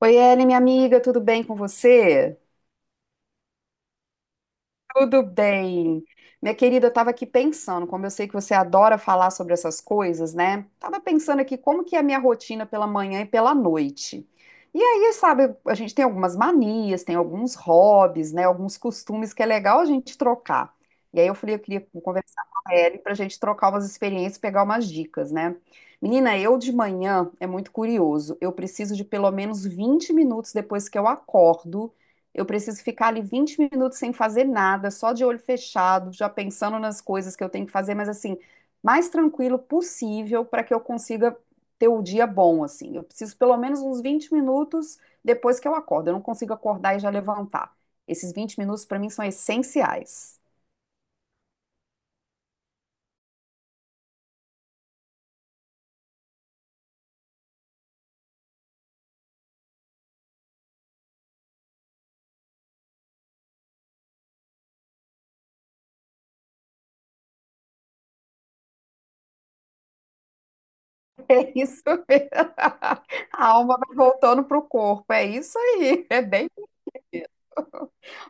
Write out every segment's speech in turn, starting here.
Oi, Ellen, minha amiga, tudo bem com você? Tudo bem. Minha querida, eu estava aqui pensando, como eu sei que você adora falar sobre essas coisas, né? Tava pensando aqui como que é a minha rotina pela manhã e pela noite. E aí, sabe, a gente tem algumas manias, tem alguns hobbies, né? Alguns costumes que é legal a gente trocar. E aí eu falei, eu queria conversar com a Ellen para a gente trocar umas experiências, pegar umas dicas, né? Menina, eu de manhã é muito curioso. Eu preciso de pelo menos 20 minutos depois que eu acordo. Eu preciso ficar ali 20 minutos sem fazer nada, só de olho fechado, já pensando nas coisas que eu tenho que fazer, mas assim, mais tranquilo possível para que eu consiga ter o dia bom, assim. Eu preciso pelo menos uns 20 minutos depois que eu acordo. Eu não consigo acordar e já levantar. Esses 20 minutos para mim são essenciais. É isso mesmo. A alma vai voltando pro corpo. É isso aí. É bem isso.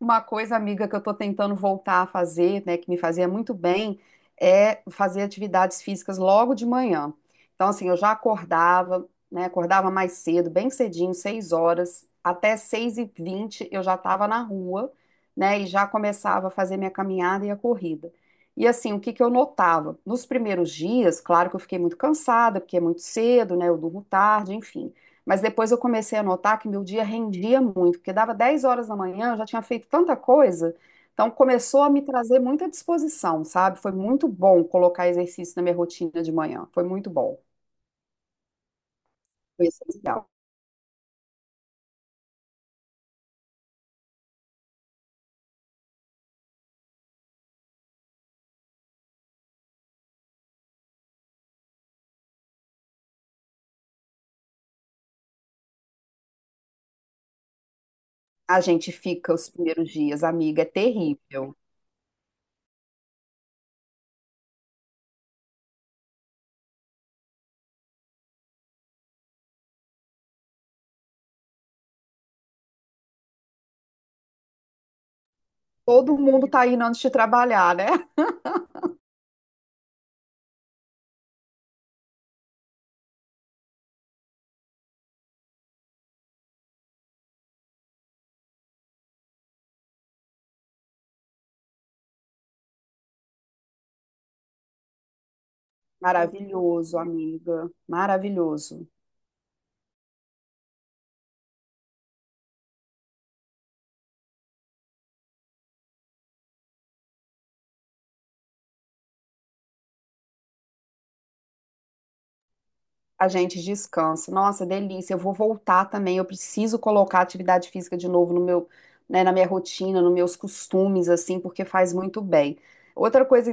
Uma coisa, amiga, que eu estou tentando voltar a fazer, né, que me fazia muito bem, é fazer atividades físicas logo de manhã. Então, assim, eu já acordava, né, acordava mais cedo, bem cedinho, 6h, até 6h20 eu já estava na rua, né, e já começava a fazer minha caminhada e a corrida. E assim, o que que eu notava? Nos primeiros dias, claro que eu fiquei muito cansada, porque é muito cedo, né, eu durmo tarde, enfim. Mas depois eu comecei a notar que meu dia rendia muito, porque dava 10h da manhã, eu já tinha feito tanta coisa, então começou a me trazer muita disposição, sabe? Foi muito bom colocar exercício na minha rotina de manhã, foi muito bom, foi essencial. A gente fica os primeiros dias, amiga, é terrível. Todo mundo tá indo antes de trabalhar, né? Maravilhoso, amiga, maravilhoso. A gente descansa. Nossa, delícia. Eu vou voltar também. Eu preciso colocar atividade física de novo no meu, né, na minha rotina, nos meus costumes, assim, porque faz muito bem. Outra coisa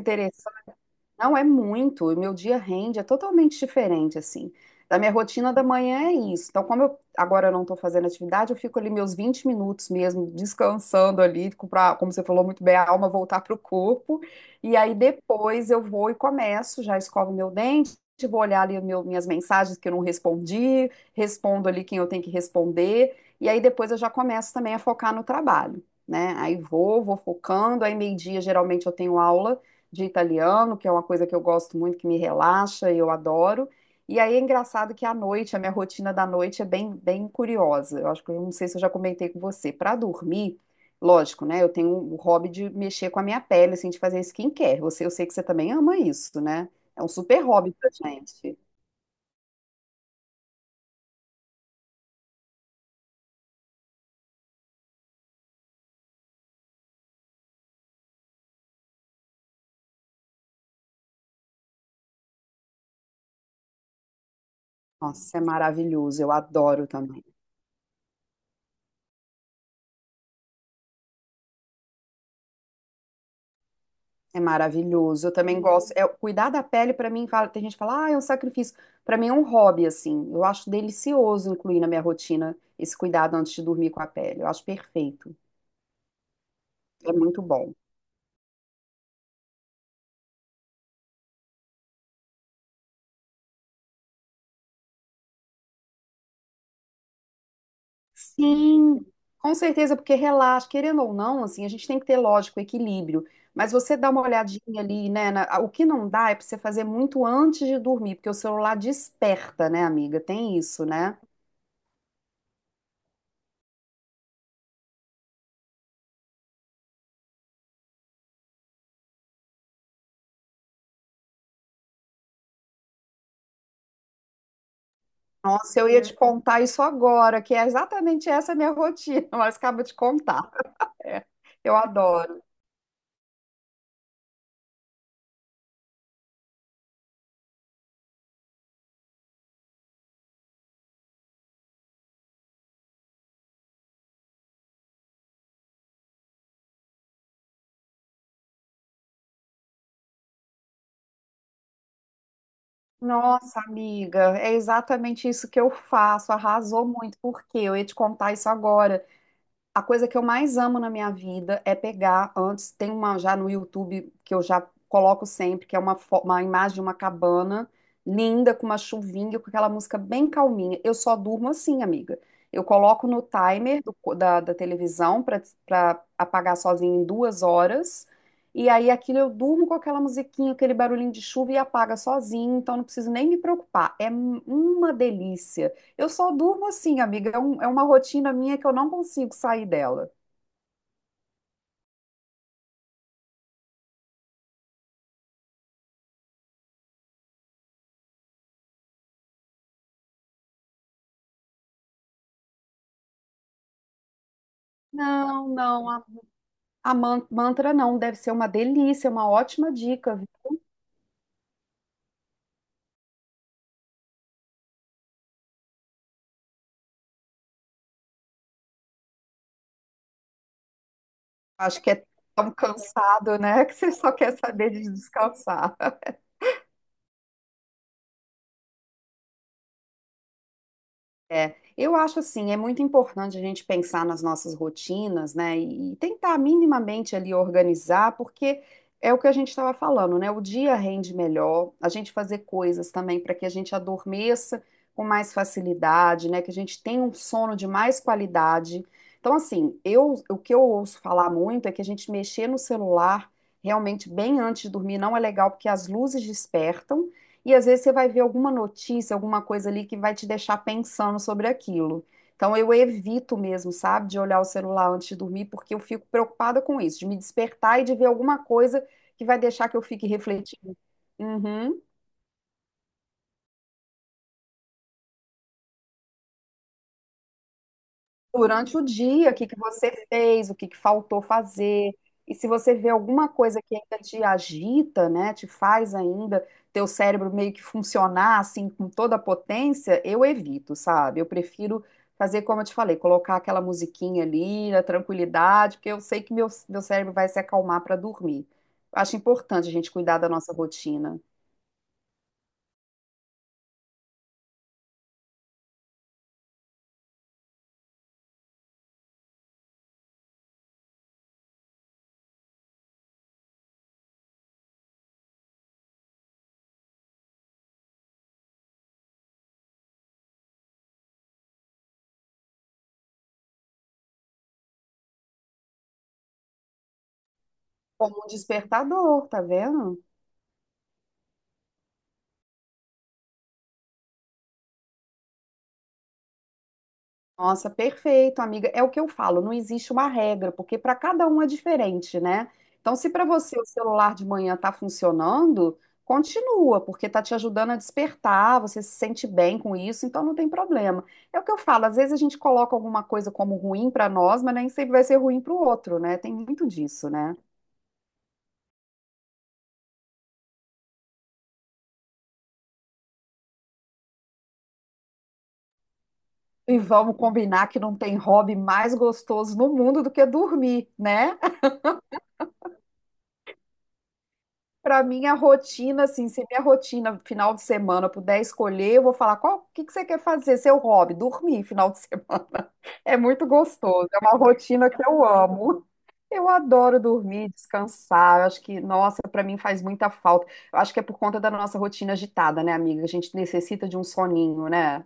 não é muito, o meu dia rende, é totalmente diferente, assim. Da minha rotina da manhã é isso. Então, como eu agora eu não estou fazendo atividade, eu fico ali meus 20 minutos mesmo, descansando ali, pra, como você falou muito bem, a alma voltar para o corpo. E aí depois eu vou e começo, já escovo meu dente, vou olhar ali minhas mensagens que eu não respondi, respondo ali quem eu tenho que responder. E aí depois eu já começo também a focar no trabalho, né? Aí vou focando, aí meio-dia geralmente eu tenho aula de italiano, que é uma coisa que eu gosto muito, que me relaxa e eu adoro. E aí é engraçado que à noite, a minha rotina da noite é bem, bem curiosa. Eu acho que eu não sei se eu já comentei com você. Para dormir, lógico, né? Eu tenho o hobby de mexer com a minha pele, assim, de fazer skincare. Você, eu sei que você também ama isso, né? É um super hobby pra gente. Nossa, é maravilhoso. Eu adoro também. É maravilhoso. Eu também gosto. É, cuidar da pele, pra mim, fala, tem gente que fala, ah, é um sacrifício. Pra mim é um hobby, assim. Eu acho delicioso incluir na minha rotina esse cuidado antes de dormir com a pele. Eu acho perfeito. É muito bom. Sim. Com certeza, porque relaxa, querendo ou não, assim, a gente tem que ter, lógico, equilíbrio. Mas você dá uma olhadinha ali, né? Na- o que não dá é pra você fazer muito antes de dormir, porque o celular desperta, né, amiga? Tem isso, né? Nossa, eu ia te contar isso agora, que é exatamente essa a minha rotina, mas acabo de contar. É, eu adoro. Nossa, amiga, é exatamente isso que eu faço. Arrasou muito, porque eu ia te contar isso agora. A coisa que eu mais amo na minha vida é pegar antes, tem uma já no YouTube que eu já coloco sempre, que é uma, uma imagem de uma cabana linda com uma chuvinha, com aquela música bem calminha. Eu só durmo assim, amiga. Eu coloco no timer da televisão para apagar sozinho em 2 horas. E aí aquilo eu durmo com aquela musiquinha, aquele barulhinho de chuva e apaga sozinho, então não preciso nem me preocupar. É uma delícia. Eu só durmo assim, amiga. É, é uma rotina minha que eu não consigo sair dela. Não, não. Mantra não, deve ser uma delícia, uma ótima dica, viu? Acho que é tão cansado, né? Que você só quer saber de descansar. É, eu acho assim, é muito importante a gente pensar nas nossas rotinas, né, e tentar minimamente ali organizar, porque é o que a gente estava falando, né, o dia rende melhor, a gente fazer coisas também para que a gente adormeça com mais facilidade, né, que a gente tenha um sono de mais qualidade. Então, assim, o que eu ouço falar muito é que a gente mexer no celular realmente bem antes de dormir não é legal, porque as luzes despertam, e às vezes você vai ver alguma notícia, alguma coisa ali que vai te deixar pensando sobre aquilo. Então eu evito mesmo, sabe, de olhar o celular antes de dormir, porque eu fico preocupada com isso, de me despertar e de ver alguma coisa que vai deixar que eu fique refletindo. Uhum. Durante o dia, o que que você fez, o que que faltou fazer. E se você vê alguma coisa que ainda te agita, né, te faz ainda teu cérebro meio que funcionar assim com toda a potência, eu evito, sabe? Eu prefiro fazer como eu te falei, colocar aquela musiquinha ali na tranquilidade, porque eu sei que meu cérebro vai se acalmar para dormir. Acho importante a gente cuidar da nossa rotina. Como um despertador, tá vendo? Nossa, perfeito, amiga. É o que eu falo, não existe uma regra, porque para cada um é diferente, né? Então, se para você o celular de manhã tá funcionando, continua, porque tá te ajudando a despertar, você se sente bem com isso, então não tem problema. É o que eu falo, às vezes a gente coloca alguma coisa como ruim para nós, mas nem sempre vai ser ruim para o outro, né? Tem muito disso, né? E vamos combinar que não tem hobby mais gostoso no mundo do que dormir, né? Para minha rotina, assim, se minha rotina final de semana eu puder escolher, eu vou falar qual, o que que você quer fazer, seu hobby, dormir final de semana. É muito gostoso, é uma rotina que eu amo. Eu adoro dormir, descansar. Eu acho que, nossa, para mim faz muita falta. Eu acho que é por conta da nossa rotina agitada, né, amiga? A gente necessita de um soninho, né?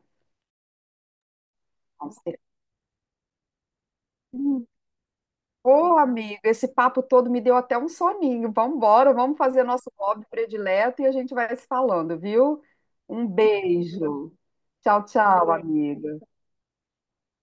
Ô, amigo, esse papo todo me deu até um soninho. Vambora, vamos fazer nosso hobby predileto e a gente vai se falando, viu? Um beijo. Tchau, tchau, amiga.